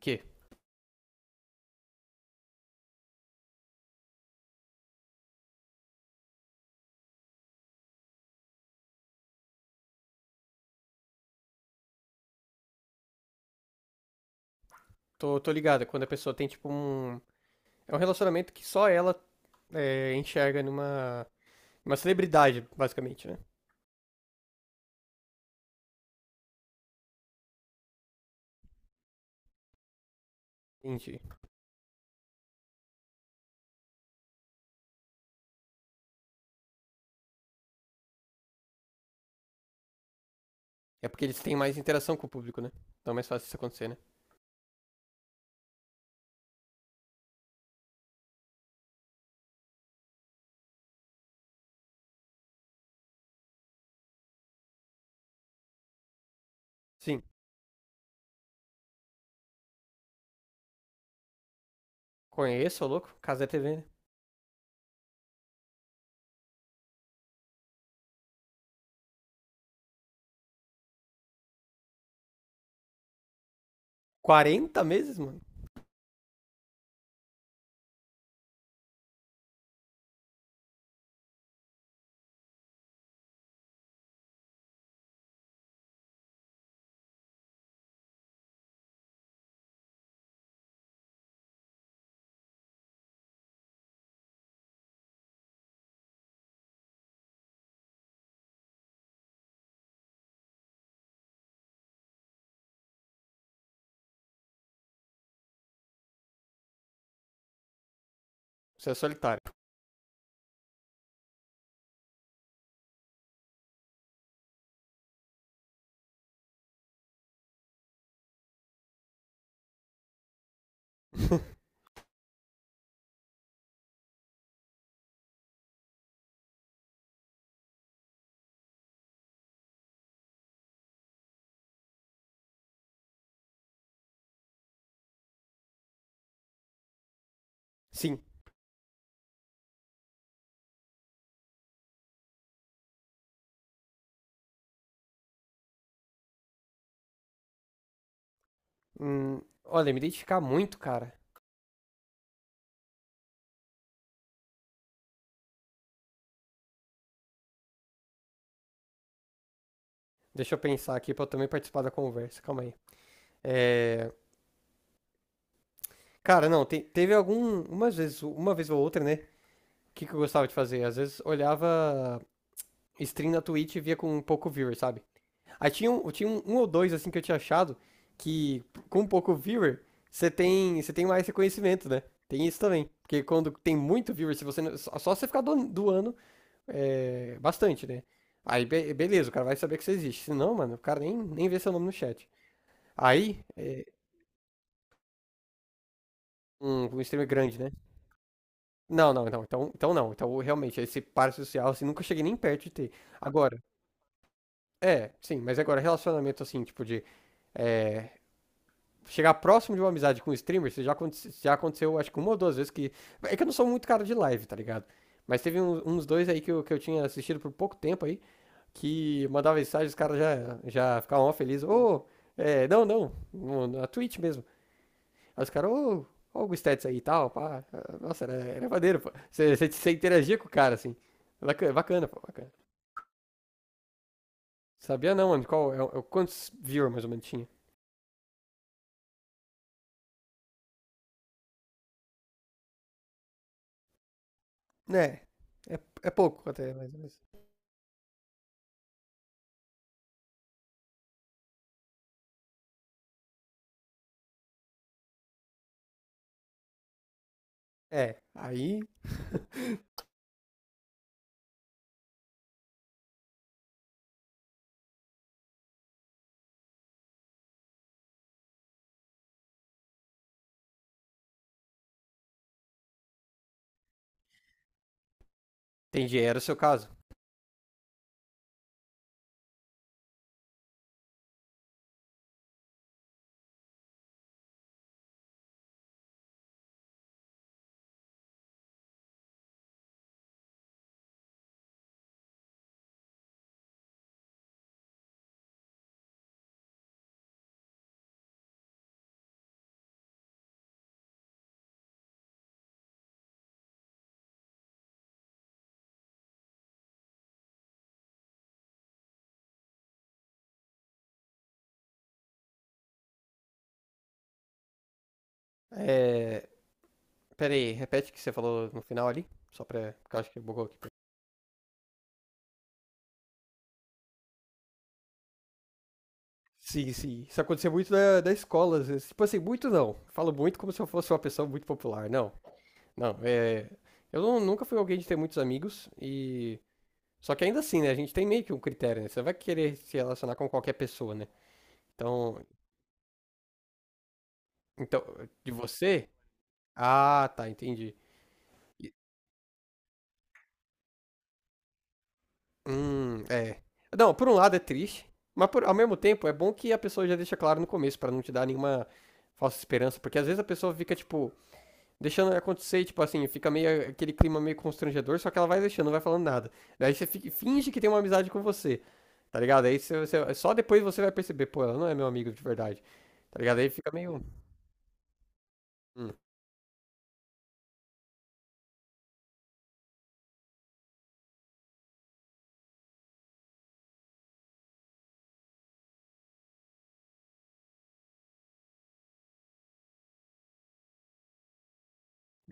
Que? Tô ligado, quando a pessoa tem tipo um. É um relacionamento que só ela enxerga numa. Uma celebridade, basicamente, né? Entendi. É porque eles têm mais interação com o público, né? Então é mais fácil isso acontecer, né? Sim. Conheço, ô louco. Casé TV, né? 40 meses, mano? Você é solitário. Sim. Hum, Olha, me identificar muito, cara. Deixa eu pensar aqui pra eu também participar da conversa. Calma aí. É... Cara, não, teve algumas vezes, uma vez ou outra, né? O que, que eu gostava de fazer? Às vezes olhava stream na Twitch e via com um pouco viewer, sabe? Aí tinha um, um ou dois, assim, que eu tinha achado que com um pouco viewer, você tem mais reconhecimento, né? Tem isso também. Porque quando tem muito viewer, se você, só você ficar doando bastante, né? Aí, beleza, o cara vai saber que você existe. Se não, mano, o cara nem vê seu nome no chat. Aí, um streamer grande, né? Não, não, não. Então não. Então, realmente, esse par social, assim, nunca cheguei nem perto de ter. Agora, sim, mas agora, relacionamento, assim, tipo, de é, chegar próximo de uma amizade com um streamer, isso já, já aconteceu, acho que uma ou duas vezes que. É que eu não sou muito cara de live, tá ligado? Mas teve uns dois aí que eu, tinha assistido por pouco tempo aí, que mandava mensagem, os caras já ficavam ó felizes. Ô, oh, não, não, na Twitch mesmo. Aí os caras, ô, ó o Gustetz aí e tal, pá. Nossa, era maneiro, pô. Você interagia com o cara, assim. Bacana, bacana, pô, bacana. Sabia não, mano, qual, quantos viewers mais ou menos tinha? É, é pouco até, mais ou menos. Aí. Entendi, era o seu caso. É. Pera aí, repete o que você falou no final ali. Só pra. Porque eu acho que bugou aqui. Sim, sim. Isso acontecia muito da escola. Às vezes. Tipo assim, muito não. Falo muito como se eu fosse uma pessoa muito popular. Não, não. Eu nunca fui alguém de ter muitos amigos e. Só que ainda assim, né? A gente tem meio que um critério, né? Você não vai querer se relacionar com qualquer pessoa, né? Então. Então, de você? Ah, tá, entendi. É. Não, por um lado é triste, mas ao mesmo tempo é bom que a pessoa já deixa claro no começo pra não te dar nenhuma falsa esperança, porque às vezes a pessoa fica tipo deixando acontecer, e, tipo assim, fica meio aquele clima meio constrangedor, só que ela vai deixando, não vai falando nada. Daí você finge que tem uma amizade com você, tá ligado? Aí você, só depois você vai perceber, pô, ela não é meu amigo de verdade, tá ligado? Aí fica meio, hum,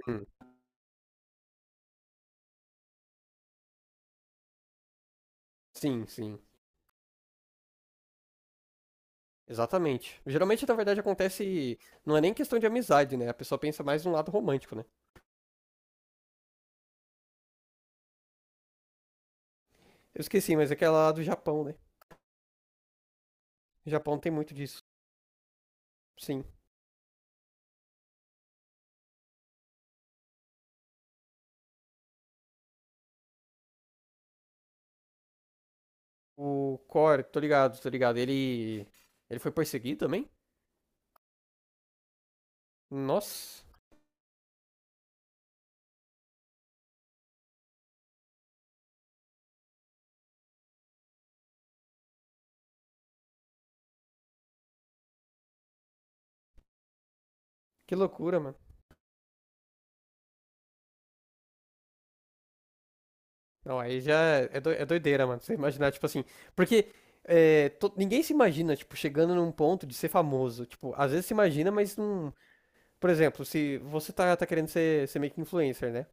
hum. Sim, sim. Exatamente. Geralmente, na verdade, acontece. Não é nem questão de amizade, né? A pessoa pensa mais num lado romântico, né? Eu esqueci, mas aquela lá do Japão, né? O Japão tem muito disso. Sim. O Core, tô ligado, tô ligado. Ele foi perseguido também? Nossa, que loucura, mano. Não, aí já é doideira, mano. Você imaginar, tipo assim. Porque ninguém se imagina, tipo, chegando num ponto de ser famoso. Tipo, às vezes se imagina, mas não. Por exemplo, se você tá querendo ser meio que influencer, né?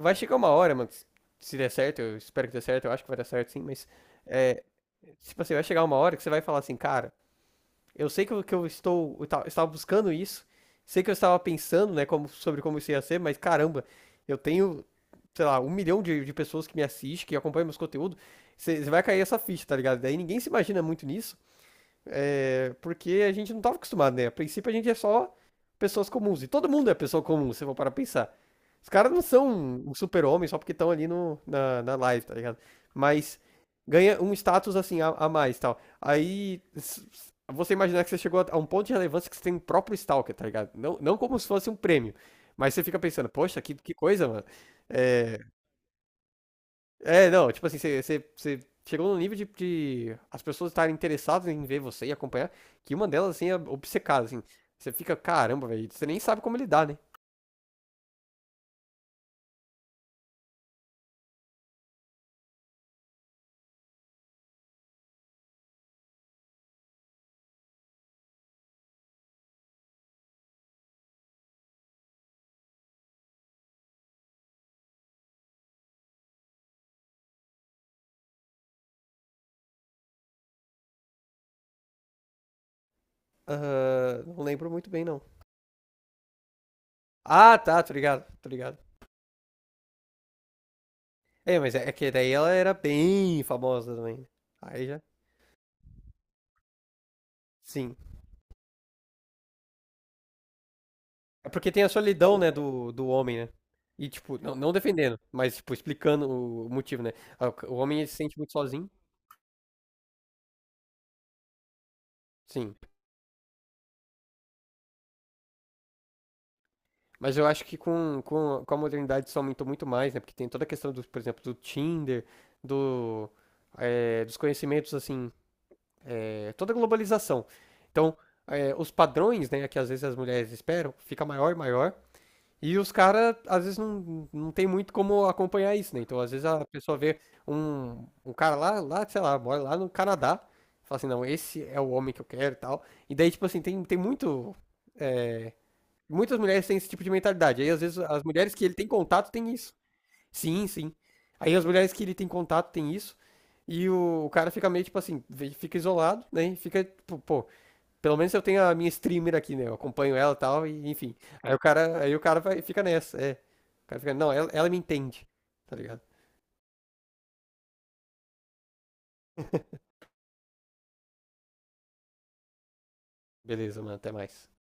Vai chegar uma hora, mano, que se der certo, eu espero que dê certo, eu acho que vai dar certo sim, mas. É, tipo assim, vai chegar uma hora que você vai falar assim, cara, eu sei que eu estava buscando isso, sei que eu estava pensando, né, sobre como isso ia ser, mas caramba, eu tenho, sei lá, 1 milhão de pessoas que me assistem, que acompanham meus conteúdos, você vai cair essa ficha, tá ligado? Daí ninguém se imagina muito nisso, porque a gente não estava acostumado, né? A princípio a gente é só pessoas comuns. E todo mundo é pessoa comum, se eu for para pensar. Os caras não são um super-homem só porque estão ali no, na, na live, tá ligado? Mas ganha um status assim a mais tal. Aí você imaginar que você chegou a um ponto de relevância que você tem um próprio Stalker, tá ligado? Não, não como se fosse um prêmio. Mas você fica pensando, poxa, que coisa, mano. É, não, tipo assim, você chegou num nível de as pessoas estarem interessadas em ver você e acompanhar, que uma delas, assim, é obcecada, assim. Você fica, caramba, velho, você nem sabe como lidar, né? Não lembro muito bem, não. Ah, tá, tô ligado, tô ligado. É, mas é que daí ela era bem famosa também, né? Aí já. Sim. É porque tem a solidão, né, do homem, né? E, tipo, não defendendo, mas, tipo, explicando o motivo, né? Ah, O homem ele se sente muito sozinho. Sim. Mas eu acho que com a modernidade isso aumentou muito mais, né? Porque tem toda a questão, por exemplo, do Tinder, do, dos conhecimentos, assim, toda a globalização. Então, os padrões, né, que às vezes as mulheres esperam, fica maior e maior. E os caras, às vezes, não tem muito como acompanhar isso, né? Então, às vezes, a pessoa vê um cara lá, sei lá, mora lá no Canadá, fala assim, não, esse é o homem que eu quero e tal. E daí, tipo assim, tem muito Muitas mulheres têm esse tipo de mentalidade. Aí, às vezes, as mulheres que ele tem contato têm isso. Sim, sim. Aí, as mulheres que ele tem contato têm isso. E o cara fica meio tipo assim, fica isolado, né? E fica, tipo, pô, pelo menos eu tenho a minha streamer aqui, né? Eu acompanho ela e tal, e enfim. Aí o cara vai, fica nessa. O cara fica, não, ela, me entende, tá ligado? Beleza, mano, até mais.